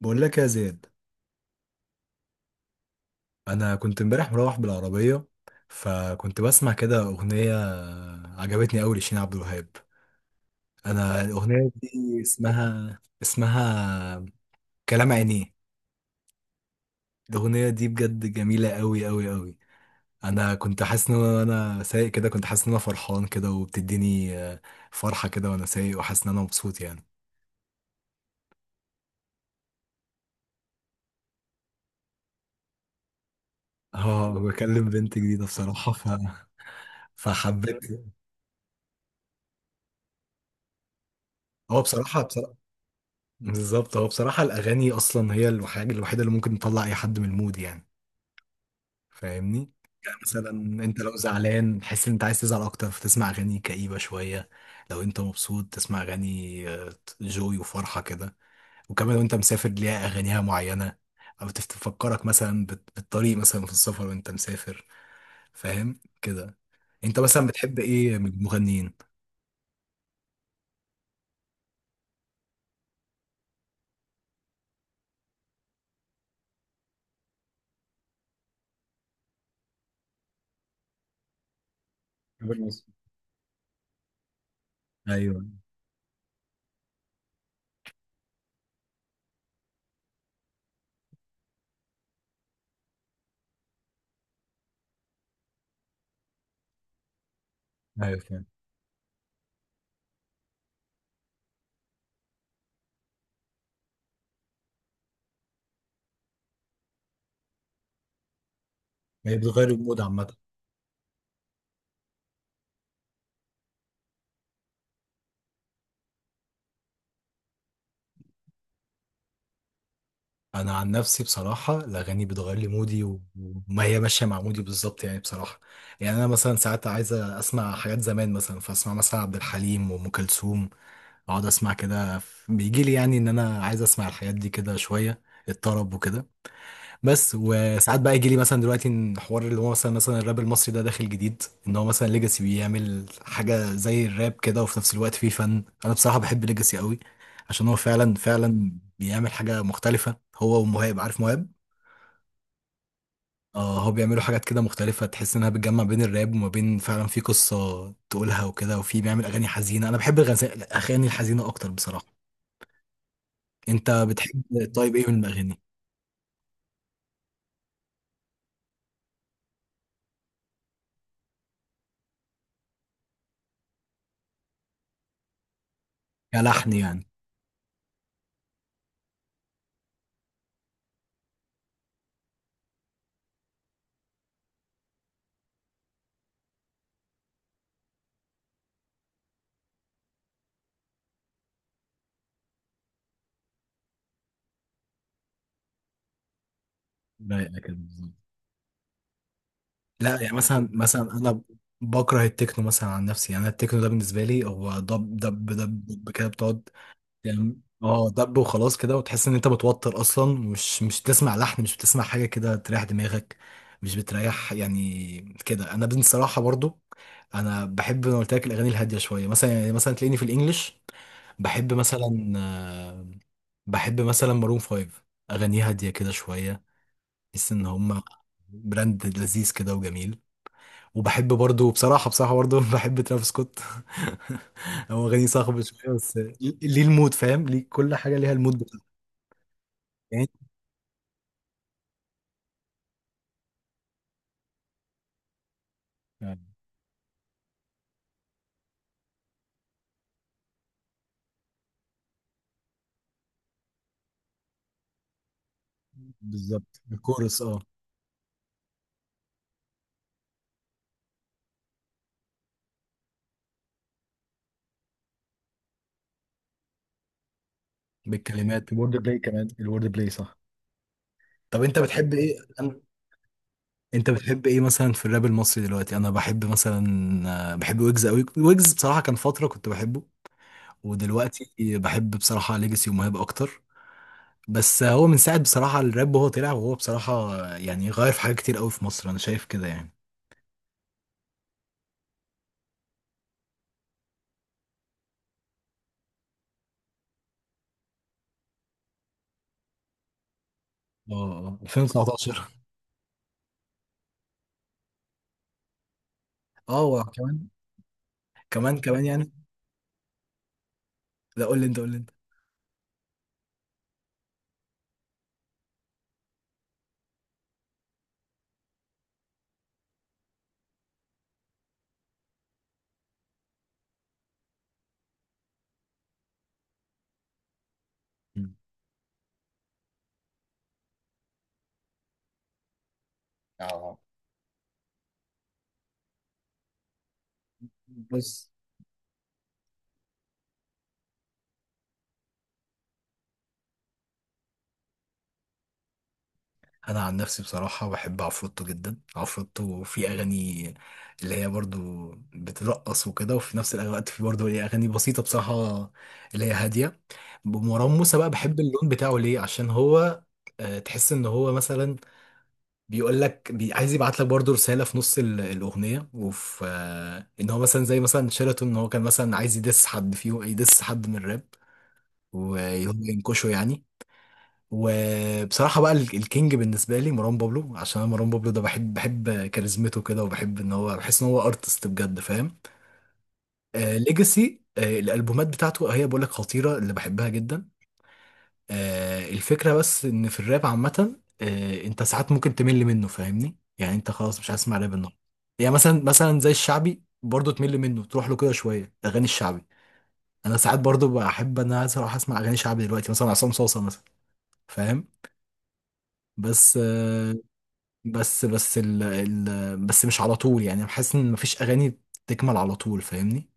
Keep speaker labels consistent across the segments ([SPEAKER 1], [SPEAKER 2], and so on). [SPEAKER 1] بقول لك يا زياد، انا كنت امبارح مروح بالعربيه، فكنت بسمع كده اغنيه عجبتني قوي لشيرين عبد الوهاب. انا الاغنيه دي اسمها كلام عينيه. الاغنيه دي بجد جميله قوي قوي قوي. انا كنت حاسس ان انا وأنا سايق كده كنت حاسس ان انا فرحان كده وبتديني فرحه كده، وانا سايق وحاسس ان انا مبسوط يعني. اه بكلم بنت جديده بصراحه فحبيت. هو بصراحه بالظبط، هو بصراحة الأغاني أصلا هي الحاجة الوحيدة اللي ممكن تطلع أي حد من المود يعني. فاهمني؟ يعني مثلا أنت لو زعلان تحس إن أنت عايز تزعل أكتر فتسمع أغاني كئيبة شوية، لو أنت مبسوط تسمع أغاني جوي وفرحة كده، وكمان لو أنت مسافر ليها أغانيها معينة أو تفكرك مثلا بالطريق مثلا في السفر وأنت مسافر. فاهم؟ كده أنت مثلا بتحب إيه من المغنيين؟ بالنسبة، ايوه، ايوه فاهم. هي بتغير المود عامة. انا عن نفسي بصراحه الاغاني بتغير لي مودي وما هي ماشيه مع مودي بالظبط يعني بصراحه. يعني انا مثلا ساعات عايزه اسمع حاجات زمان مثلا فاسمع مثلا عبد الحليم وام كلثوم، اقعد اسمع كده، بيجي لي يعني ان انا عايز اسمع الحاجات دي كده شويه، الطرب وكده. بس وساعات بقى يجي لي مثلا دلوقتي إن حوار اللي هو مثلا الراب المصري ده داخل جديد، ان هو مثلا ليجاسي بيعمل حاجه زي الراب كده وفي نفس الوقت فيه فن. انا بصراحه بحب ليجاسي قوي عشان هو فعلا بيعمل حاجه مختلفه، هو ومهاب. عارف مهاب؟ اه هو بيعملوا حاجات كده مختلفه تحس انها بتجمع بين الراب وما بين فعلا في قصه تقولها وكده، وفي بيعمل اغاني حزينه. انا بحب الاغاني الحزينه اكتر بصراحه. انت بتحب طيب ايه من الاغاني؟ كلحن يعني. رايقه كده. لا يعني مثلا انا بكره التكنو مثلا عن نفسي. يعني أنا التكنو ده بالنسبه لي هو دب دب دب دب كده بتقعد. يعني اه دب وخلاص كده، وتحس ان انت متوتر اصلا، مش بتسمع لحن، مش بتسمع حاجه كده تريح دماغك. مش بتريح يعني كده. انا بصراحه برضو انا بحب، انا قلت لك، الاغاني الهاديه شويه مثلا. يعني مثلا تلاقيني في الانجليش بحب مثلا بحب مثلا مارون فايف، اغانيه هاديه كده شويه، بحس ان هم براند لذيذ كده وجميل. وبحب برضو بصراحة برضو بحب ترافيس سكوت. هو غني صاخب شوية بس ليه المود، فاهم؟ ليه كل حاجة ليها المود بتاعها يعني. يعني بالظبط، الكورس، اه بالكلمات، الورد بلاي كمان، الورد بلاي صح. طب انت بتحب ايه انت بتحب ايه مثلا في الراب المصري دلوقتي؟ انا بحب مثلا بحب ويجز قوي. ويجز بصراحة كان فترة كنت بحبه، ودلوقتي بحب بصراحة ليجاسي ومهاب اكتر. بس هو من ساعة بصراحة الراب وهو طلع، وهو بصراحة يعني غير في حاجات كتير قوي في مصر، انا شايف كده يعني. اه 2019. اه وكمان، كمان كمان يعني. لا قول لي انت، قول لي انت. مم. اه بص انا عن نفسي بصراحه بحب عفروتو جدا. عفروتو في اغاني اللي هي برضو بترقص وكده، وفي نفس الوقت في برضو ايه اغاني بسيطه بصراحه اللي هي هاديه. مروان موسى بقى بحب اللون بتاعه ليه عشان هو تحس ان هو مثلا بيقول لك عايز يبعت لك برضه رساله في نص الاغنيه، وفي ان هو مثلا زي مثلا شيراتون ان هو كان مثلا عايز يدس حد فيه، يدس حد من الراب وهو ينكشه يعني. وبصراحه بقى الكينج بالنسبه لي مروان بابلو، عشان انا مروان بابلو ده بحب، بحب كاريزمته كده، وبحب ان هو بحس ان هو ارتست بجد، فاهم؟ آه ليجاسي، آه الالبومات بتاعته هي بقول لك خطيره، اللي بحبها جدا. الفكرة بس ان في الراب عامة انت ساعات ممكن تمل منه، فاهمني؟ يعني انت خلاص مش هتسمع راب النهارده. يعني مثلا زي الشعبي برضه تمل منه، تروح له كده شوية اغاني الشعبي. انا ساعات برضه بحب ان انا اروح اسمع اغاني شعبي دلوقتي، مثلا عصام صوصة مثلا، فاهم؟ بس بس بس ال ال بس مش على طول يعني، بحس ان مفيش اغاني تكمل على طول، فاهمني؟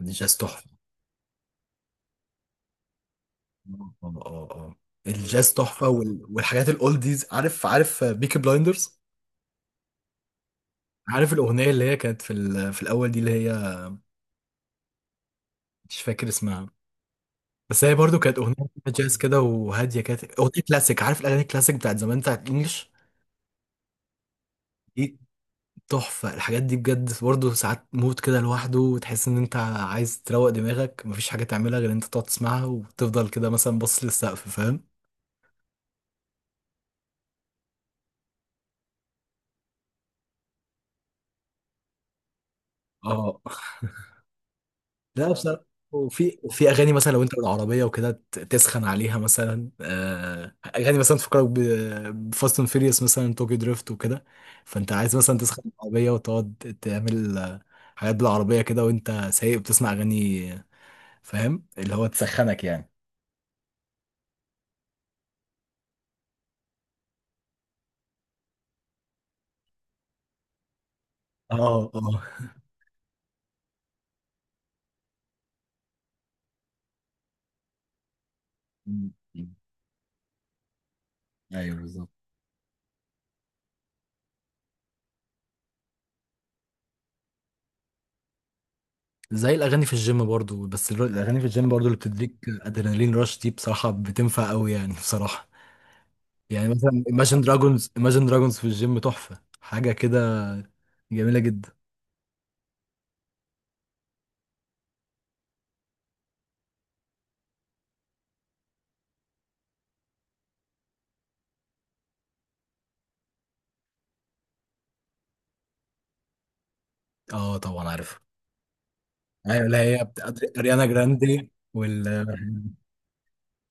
[SPEAKER 1] الجاز تحفة. اه الجاز تحفة، والحاجات الاولديز، عارف؟ عارف بيكي بلايندرز؟ عارف الأغنية اللي هي كانت في في الأول دي اللي هي، مش فاكر اسمها، بس هي برضو كانت أغنية فيها جاز كده وهادية، كانت أغنية كلاسيك. عارف الأغاني الكلاسيك بتاعت زمان بتاعت الإنجليش؟ دي تحفة. الحاجات دي بجد برضو ساعات مود كده لوحده، وتحس إن أنت عايز تروق دماغك، مفيش حاجة تعملها غير إن أنت تقعد تسمعها وتفضل كده مثلا باصص للسقف، فاهم؟ اه. لا بصراحة، وفي، وفي اغاني مثلا لو انت بالعربيه وكده تسخن عليها مثلا اغاني مثلا تفكرك بفاست اند فيريوس مثلا، توكي دريفت وكده، فانت عايز مثلا تسخن العربيه وتقعد تعمل حاجات بالعربيه كده، وانت سايق بتسمع اغاني فاهم اللي هو تسخنك يعني. اه اه م- م. ايوه بالظبط. زي الاغاني في الجيم برضو، بس الاغاني في الجيم برضو اللي بتديك ادرينالين رش دي بصراحه بتنفع قوي يعني بصراحه. يعني مثلا Imagine Dragons في الجيم تحفة، حاجة كده جميلة جدا. اه طبعا عارف. ايوه اللي هي بتاع اريانا جراندي وال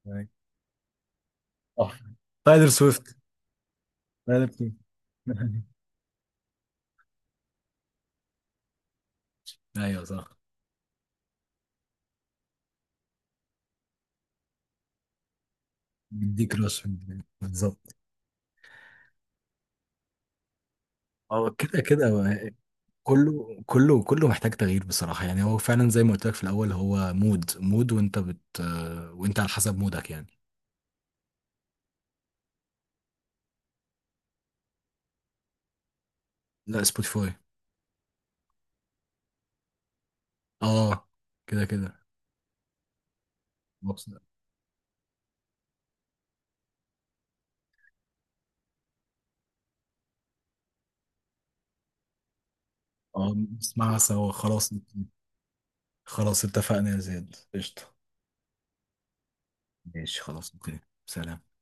[SPEAKER 1] تحفة. تايلر سويفت. تايلر سويفت. ايوه صح. دي كراش. بالظبط. هو كده كده هو، كله محتاج تغيير بصراحة يعني. هو فعلا زي ما قلت لك في الأول، هو مود وانت بت، وانت على حسب مودك يعني. لا سبوتيفاي. اه كده كده. اه نسمعها سوا خلاص. خلاص اتفقنا يا زياد، قشطة. ماشي، خلاص، اوكي. سلام.